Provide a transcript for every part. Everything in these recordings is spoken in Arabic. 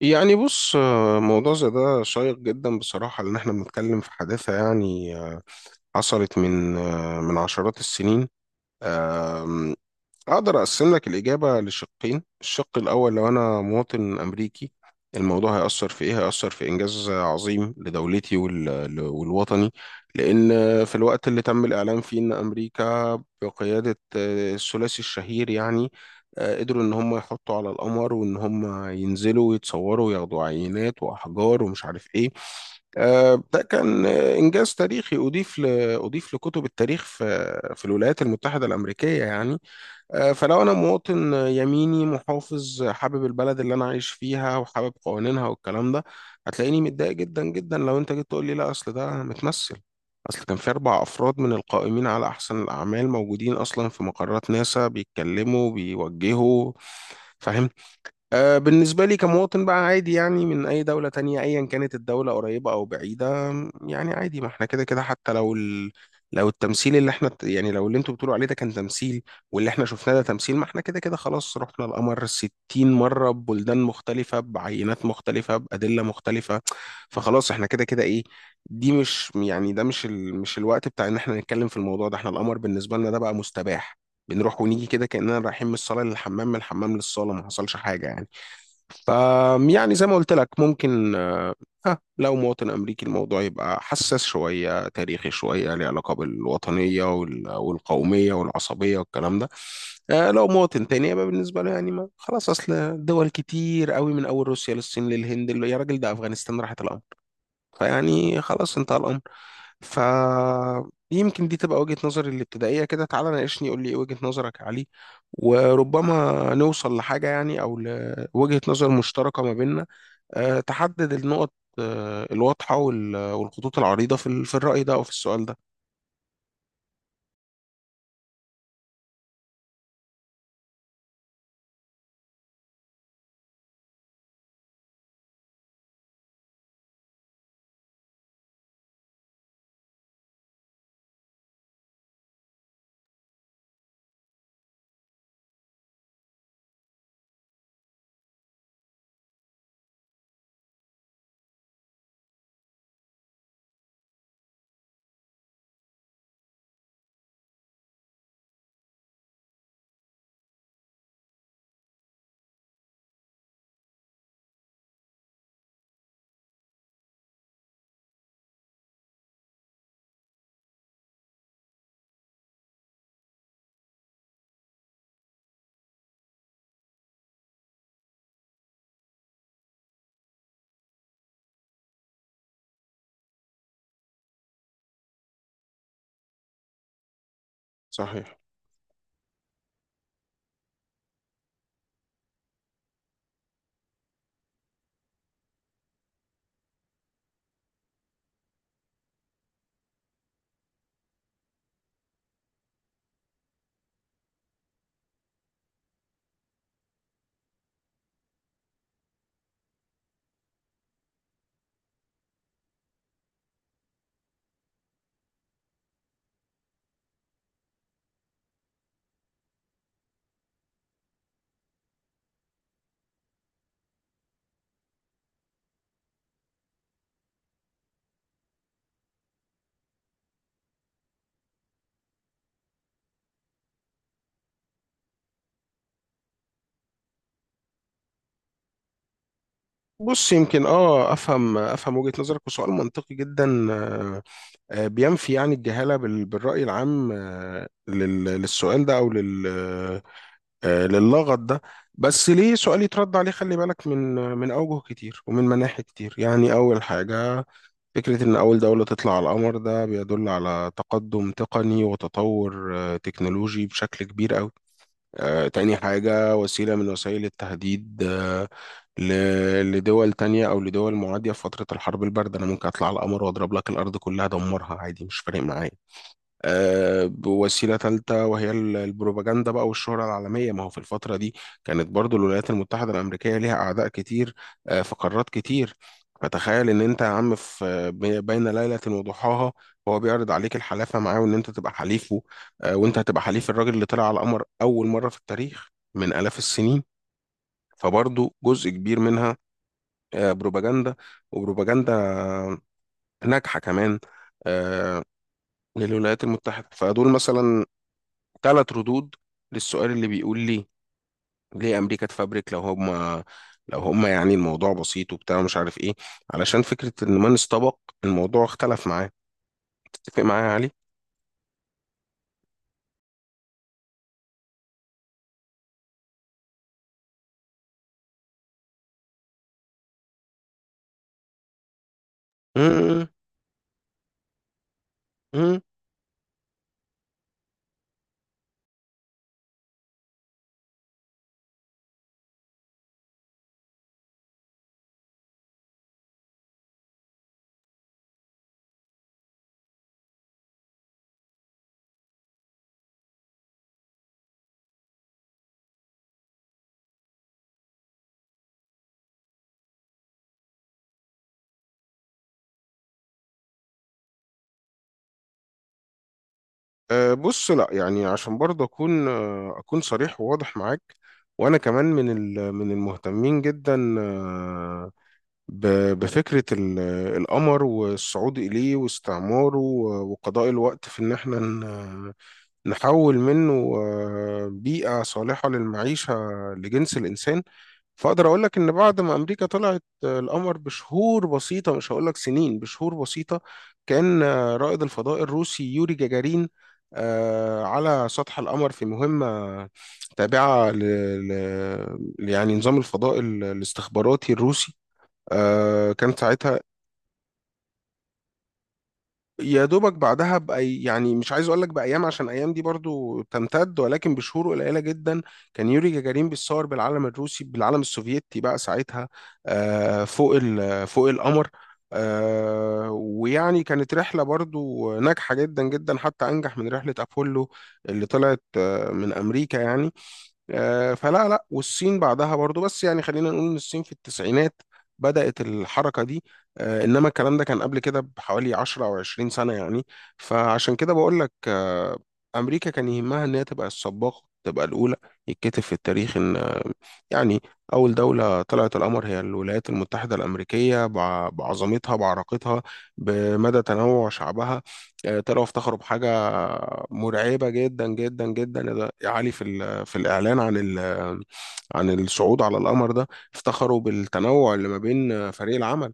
يعني بص موضوع زي ده شيق جدا بصراحة، لأن احنا بنتكلم في حادثة يعني حصلت من عشرات السنين. أقدر أقسم لك الإجابة لشقين: الشق الأول، لو أنا مواطن أمريكي الموضوع هيأثر في إيه؟ هيأثر في إنجاز عظيم لدولتي والوطني، لأن في الوقت اللي تم الإعلان فيه إن أمريكا بقيادة الثلاثي الشهير يعني قدروا إن هم يحطوا على القمر، وإن هم ينزلوا ويتصوروا وياخدوا عينات وأحجار ومش عارف إيه. ده كان إنجاز تاريخي أضيف لكتب التاريخ في الولايات المتحدة الأمريكية يعني. فلو انا مواطن يميني محافظ حابب البلد اللي انا عايش فيها وحابب قوانينها والكلام ده، هتلاقيني متضايق جدا جدا لو انت جيت تقول لي لا، اصل ده متمثل، اصل كان في اربع افراد من القائمين على احسن الاعمال موجودين اصلا في مقرات ناسا بيتكلموا بيوجهوا. فاهم؟ بالنسبة لي كمواطن بقى عادي يعني، من أي دولة تانية أيا كانت الدولة قريبة أو بعيدة، يعني عادي، ما احنا كده كده. لو التمثيل اللي احنا يعني، لو اللي انتوا بتقولوا عليه ده كان تمثيل، واللي احنا شفناه ده تمثيل، ما احنا كده كده خلاص رحنا القمر 60 مرة، ببلدان مختلفة بعينات مختلفة بأدلة مختلفة. فخلاص احنا كده كده ايه، دي مش يعني، ده مش ال... مش الوقت بتاع ان احنا نتكلم في الموضوع ده، احنا القمر بالنسبة لنا ده بقى مستباح، بنروح ونيجي كده كأننا رايحين من الصالة للحمام من الحمام للصالة، ما حصلش حاجة يعني. ف- يعني زي ما قلت لك، ممكن لو مواطن أمريكي الموضوع يبقى حساس شوية تاريخي شوية ليه علاقة بالوطنية والقومية والعصبية والكلام ده. لو مواطن تاني يبقى بالنسبة له يعني ما خلاص، أصل دول كتير قوي من أول روسيا للصين للهند يا راجل ده أفغانستان راحت الأمر. فيعني خلاص انتهى الأمر. ف يمكن دي تبقى وجهة نظري الابتدائية كده، تعالى ناقشني قول لي ايه وجهة نظرك عليه، وربما نوصل لحاجة يعني أو لوجهة نظر مشتركة ما بيننا، تحدد النقط الواضحة والخطوط العريضة في في الرأي ده أو في السؤال ده. صحيح. بص يمكن اه افهم وجهة نظرك، وسؤال منطقي جدا، بينفي يعني الجهالة بالرأي العام للسؤال ده او لل آه، للغط ده. بس ليه سؤال يترد عليه، خلي بالك من اوجه كتير ومن مناحي كتير يعني. اول حاجة، فكرة ان اول دولة تطلع على القمر ده بيدل على تقدم تقني وتطور تكنولوجي بشكل كبير قوي. تاني حاجة، وسيلة من وسائل التهديد لدول تانية أو لدول معادية في فترة الحرب الباردة، أنا ممكن أطلع على القمر وأضرب لك الأرض كلها أدمرها عادي مش فارق معايا. بوسيلة ثالثة وهي البروباجندا بقى والشهرة العالمية. ما هو في الفترة دي كانت برضو الولايات المتحدة الأمريكية ليها أعداء كتير في قارات كتير. فتخيل إن أنت يا عم في بين ليلة وضحاها هو بيعرض عليك الحلافة معاه وإن أنت تبقى حليفه، وأنت هتبقى حليف الراجل اللي طلع على القمر أول مرة في التاريخ من آلاف السنين. فبرضو جزء كبير منها بروباجندا، وبروباجندا ناجحة كمان آه، للولايات المتحدة. فدول مثلا ثلاث ردود للسؤال اللي بيقول لي ليه امريكا تفبرك، لو هم لو هم يعني الموضوع بسيط وبتاع مش عارف ايه، علشان فكره ان من استبق الموضوع اختلف معاه. تتفق معايا يا علي؟ امم. امم. أه بص، لا يعني عشان برضه اكون اكون صريح وواضح معاك. وانا كمان من من المهتمين جدا بفكره القمر والصعود اليه واستعماره وقضاء الوقت في ان احنا نحول منه بيئة صالحة للمعيشة لجنس الإنسان. فأقدر أقول لك إن بعد ما أمريكا طلعت القمر بشهور بسيطة، مش هقول لك سنين، بشهور بسيطة، كان رائد الفضاء الروسي يوري جاجارين على سطح القمر في مهمة تابعة يعني نظام الفضاء الاستخباراتي الروسي. كان ساعتها يا دوبك بعدها بأي، يعني مش عايز اقول لك بايام عشان ايام دي برضو تمتد، ولكن بشهور قليله جدا كان يوري جاجارين بيتصور بالعلم الروسي بالعلم السوفيتي بقى ساعتها فوق فوق القمر. ويعني كانت رحله برضو ناجحه جدا جدا، حتى انجح من رحله ابولو اللي طلعت من امريكا يعني. فلا لا، والصين بعدها برضو، بس يعني خلينا نقول ان الصين في التسعينات بدأت الحركة دي. انما الكلام ده كان قبل كده بحوالي 10 او 20 سنة يعني. فعشان كده بقول لك امريكا كان يهمها ان هي تبقى السباقة تبقى الاولى، يتكتب في التاريخ ان يعني اول دولة طلعت القمر هي الولايات المتحدة الامريكية، بعظمتها بعراقتها بمدى تنوع شعبها. طلعوا افتخروا بحاجة مرعبة جدا جدا جدا يا علي في في الإعلان عن عن الصعود على القمر ده. افتخروا بالتنوع اللي ما بين فريق العمل،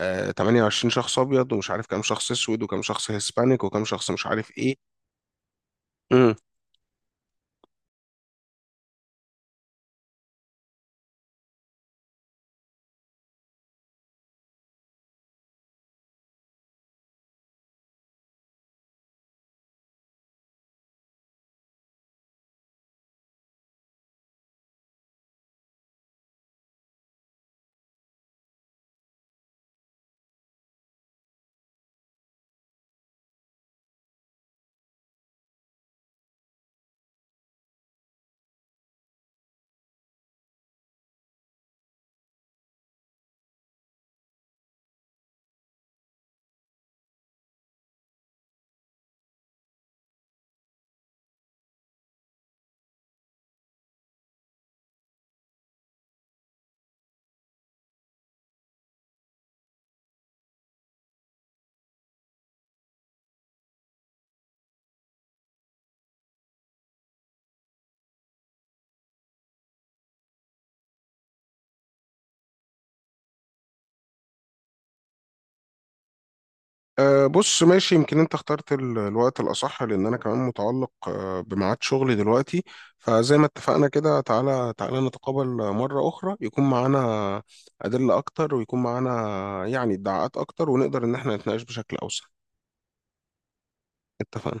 28 شخص أبيض ومش عارف كام شخص أسود وكام شخص هيسبانيك وكام شخص مش عارف إيه. أه بص ماشي، يمكن انت اخترت الوقت الأصح لأن أنا كمان متعلق بميعاد شغلي دلوقتي. فزي ما اتفقنا كده، تعالى تعالى نتقابل مرة أخرى، يكون معانا أدلة أكتر ويكون معانا يعني ادعاءات أكتر، ونقدر إن احنا نتناقش بشكل أوسع. اتفقنا.